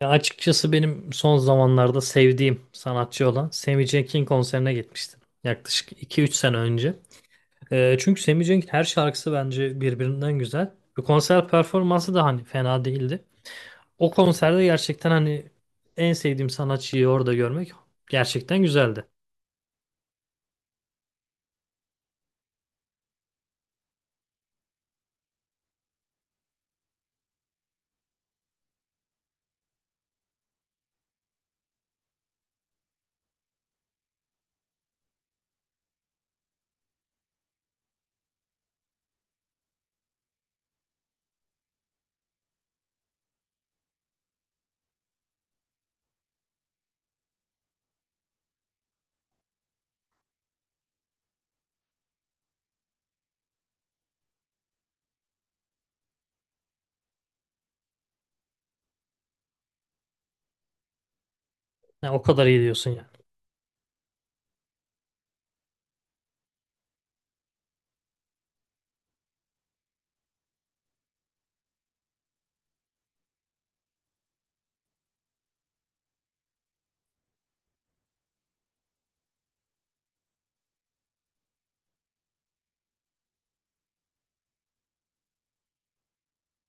Ya açıkçası benim son zamanlarda sevdiğim sanatçı olan Sammy Cenk'in konserine gitmiştim. Yaklaşık iki üç sene önce. Çünkü Sammy Cenk'in her şarkısı bence birbirinden güzel. Ve konser performansı da hani fena değildi. O konserde gerçekten hani en sevdiğim sanatçıyı orada görmek gerçekten güzeldi. Ya o kadar iyi diyorsun yani.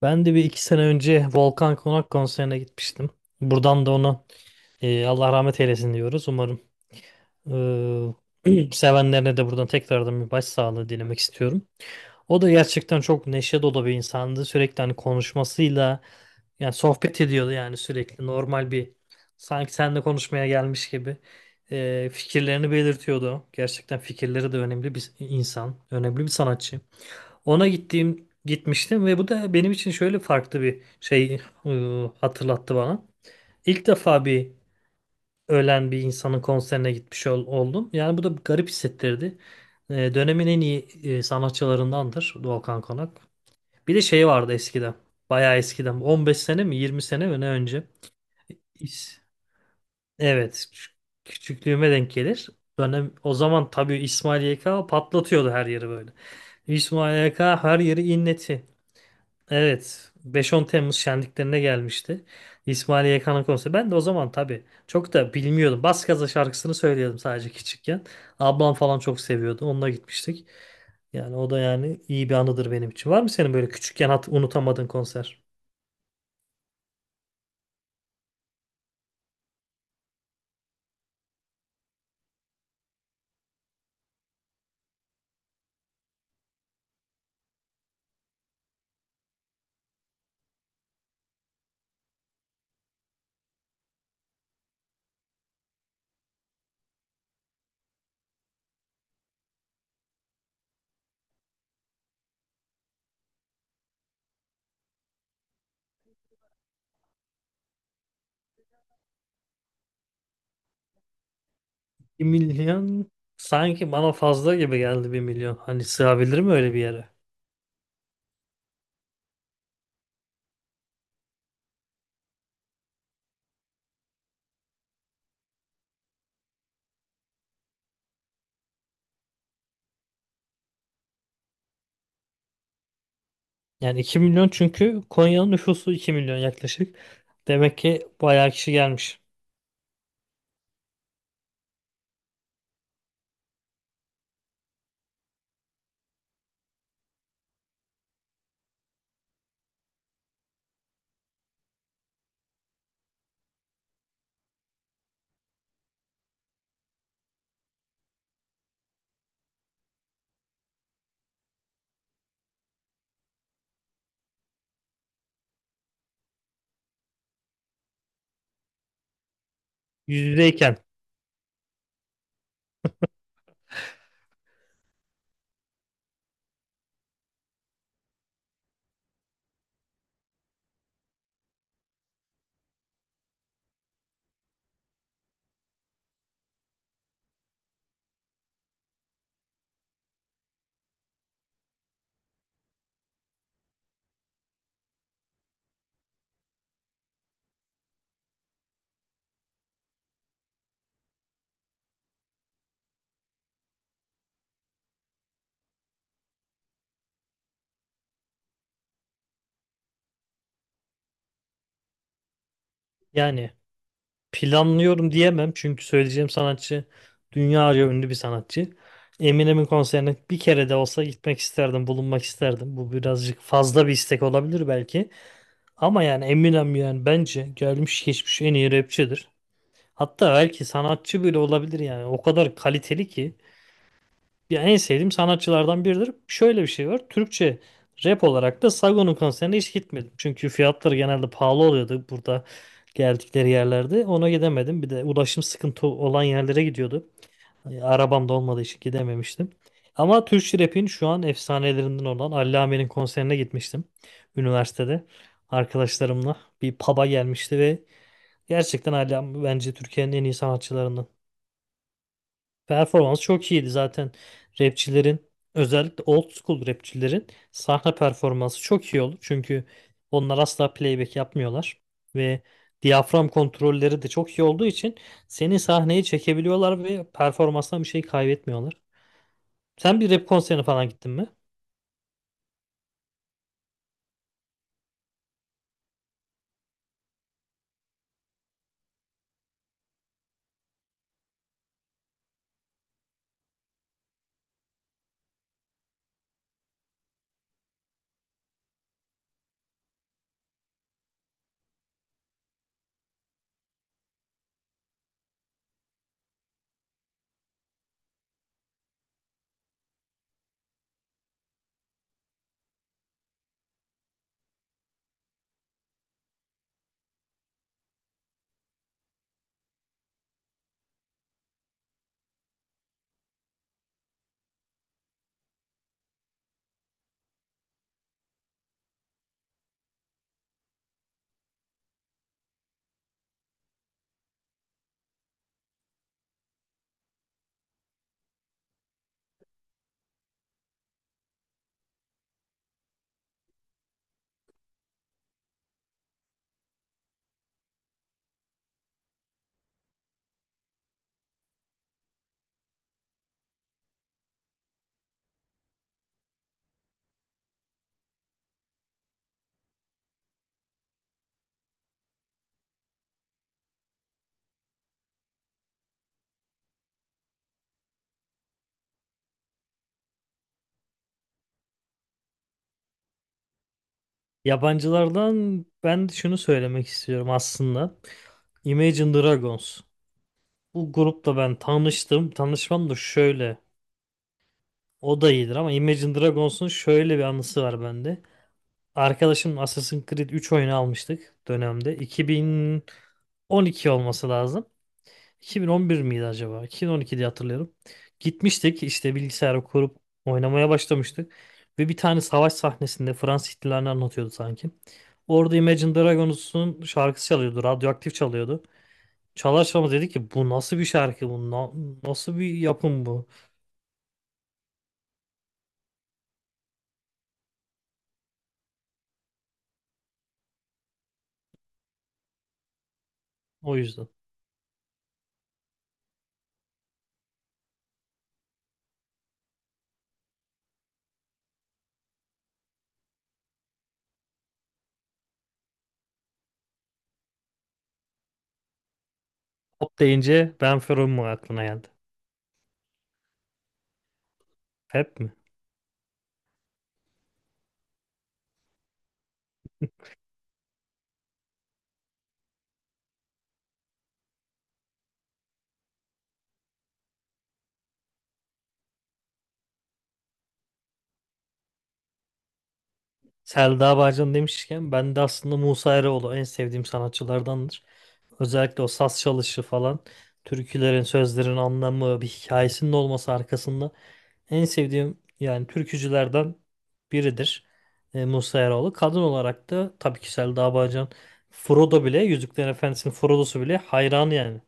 Ben de bir iki sene önce Volkan Konak konserine gitmiştim. Buradan da onu Allah rahmet eylesin diyoruz. Umarım. Ee, Sevenlerine de buradan tekrardan bir başsağlığı dilemek istiyorum. O da gerçekten çok neşe dolu bir insandı. Sürekli hani konuşmasıyla yani sohbet ediyordu, yani sürekli normal bir, sanki seninle konuşmaya gelmiş gibi. Fikirlerini belirtiyordu. Gerçekten fikirleri de önemli bir insan, önemli bir sanatçı. Ona gittiğim gitmiştim ve bu da benim için şöyle farklı bir şey hatırlattı bana. İlk defa bir ölen bir insanın konserine gitmiş oldum. Yani bu da garip hissettirdi. Dönemin en iyi sanatçılarındandır Volkan Konak. Bir de şey vardı eskiden. Bayağı eskiden. 15 sene mi 20 sene mi ne önce. İs- Evet. Küçüklüğüme denk gelir. Dönem, o zaman tabii İsmail YK patlatıyordu her yeri böyle. İsmail YK her yeri inleti. Evet. Beş on Temmuz şenliklerine gelmişti. İsmail Yekan'ın konseri. Ben de o zaman tabii çok da bilmiyordum. Bas Gaza şarkısını söylüyordum sadece küçükken. Ablam falan çok seviyordu. Onunla gitmiştik. Yani o da yani iyi bir anıdır benim için. Var mı senin böyle küçükken hat unutamadığın konser? Bir milyon sanki bana fazla gibi geldi, bir milyon. Hani sığabilir mi öyle bir yere? Yani 2 milyon, çünkü Konya'nın nüfusu 2 milyon yaklaşık. Demek ki bayağı kişi gelmiş. Yüz yüzeyken. Yani, planlıyorum diyemem çünkü söyleyeceğim sanatçı dünyaca ünlü bir sanatçı. Eminem'in konserine bir kere de olsa gitmek isterdim, bulunmak isterdim. Bu birazcık fazla bir istek olabilir belki. Ama yani Eminem, yani bence gelmiş geçmiş en iyi rapçidir. Hatta belki sanatçı bile olabilir yani. O kadar kaliteli ki. Ya en sevdiğim sanatçılardan biridir. Şöyle bir şey var. Türkçe rap olarak da Sagon'un konserine hiç gitmedim. Çünkü fiyatları genelde pahalı oluyordu burada, geldikleri yerlerde. Ona gidemedim. Bir de ulaşım sıkıntı olan yerlere gidiyordu. Yani Arabam da olmadığı için gidememiştim. Ama Türkçe rap'in şu an efsanelerinden olan Allame'nin konserine gitmiştim. Üniversitede arkadaşlarımla bir pub'a gelmişti ve gerçekten Allame bence Türkiye'nin en iyi sanatçılarından. Performans çok iyiydi zaten. Rapçilerin, özellikle old school rapçilerin, sahne performansı çok iyi olur. Çünkü onlar asla playback yapmıyorlar ve diyafram kontrolleri de çok iyi olduğu için seni sahneye çekebiliyorlar ve performanstan bir şey kaybetmiyorlar. Sen bir rap konserine falan gittin mi? Yabancılardan ben şunu söylemek istiyorum aslında. Imagine Dragons. Bu grupla ben tanıştım. Tanışmam da şöyle. O da iyidir ama Imagine Dragons'un şöyle bir anısı var bende. Arkadaşım Assassin's Creed 3 oyunu almıştık dönemde. 2012 olması lazım. 2011 miydi acaba? 2012 diye hatırlıyorum. Gitmiştik işte, bilgisayarı kurup oynamaya başlamıştık. Ve bir tane savaş sahnesinde Fransız ihtilalini anlatıyordu sanki. Orada Imagine Dragons'un şarkısı çalıyordu. Radyoaktif çalıyordu. Çalarsa'mız dedi ki, bu nasıl bir şarkı, bu nasıl bir yapım bu. O yüzden. Pop deyince Ben Ferom mu aklına geldi? Hep mi? Selda Bağcan demişken ben de aslında Musa Eroğlu en sevdiğim sanatçılardandır. Özellikle o saz çalışı falan, türkülerin sözlerin anlamı, bir hikayesinin olması arkasında en sevdiğim yani türkücülerden biridir Musa Eroğlu. Kadın olarak da tabii ki Selda Bağcan. Frodo bile, Yüzüklerin Efendisi'nin Frodo'su bile hayran yani.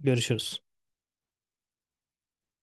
Görüşürüz.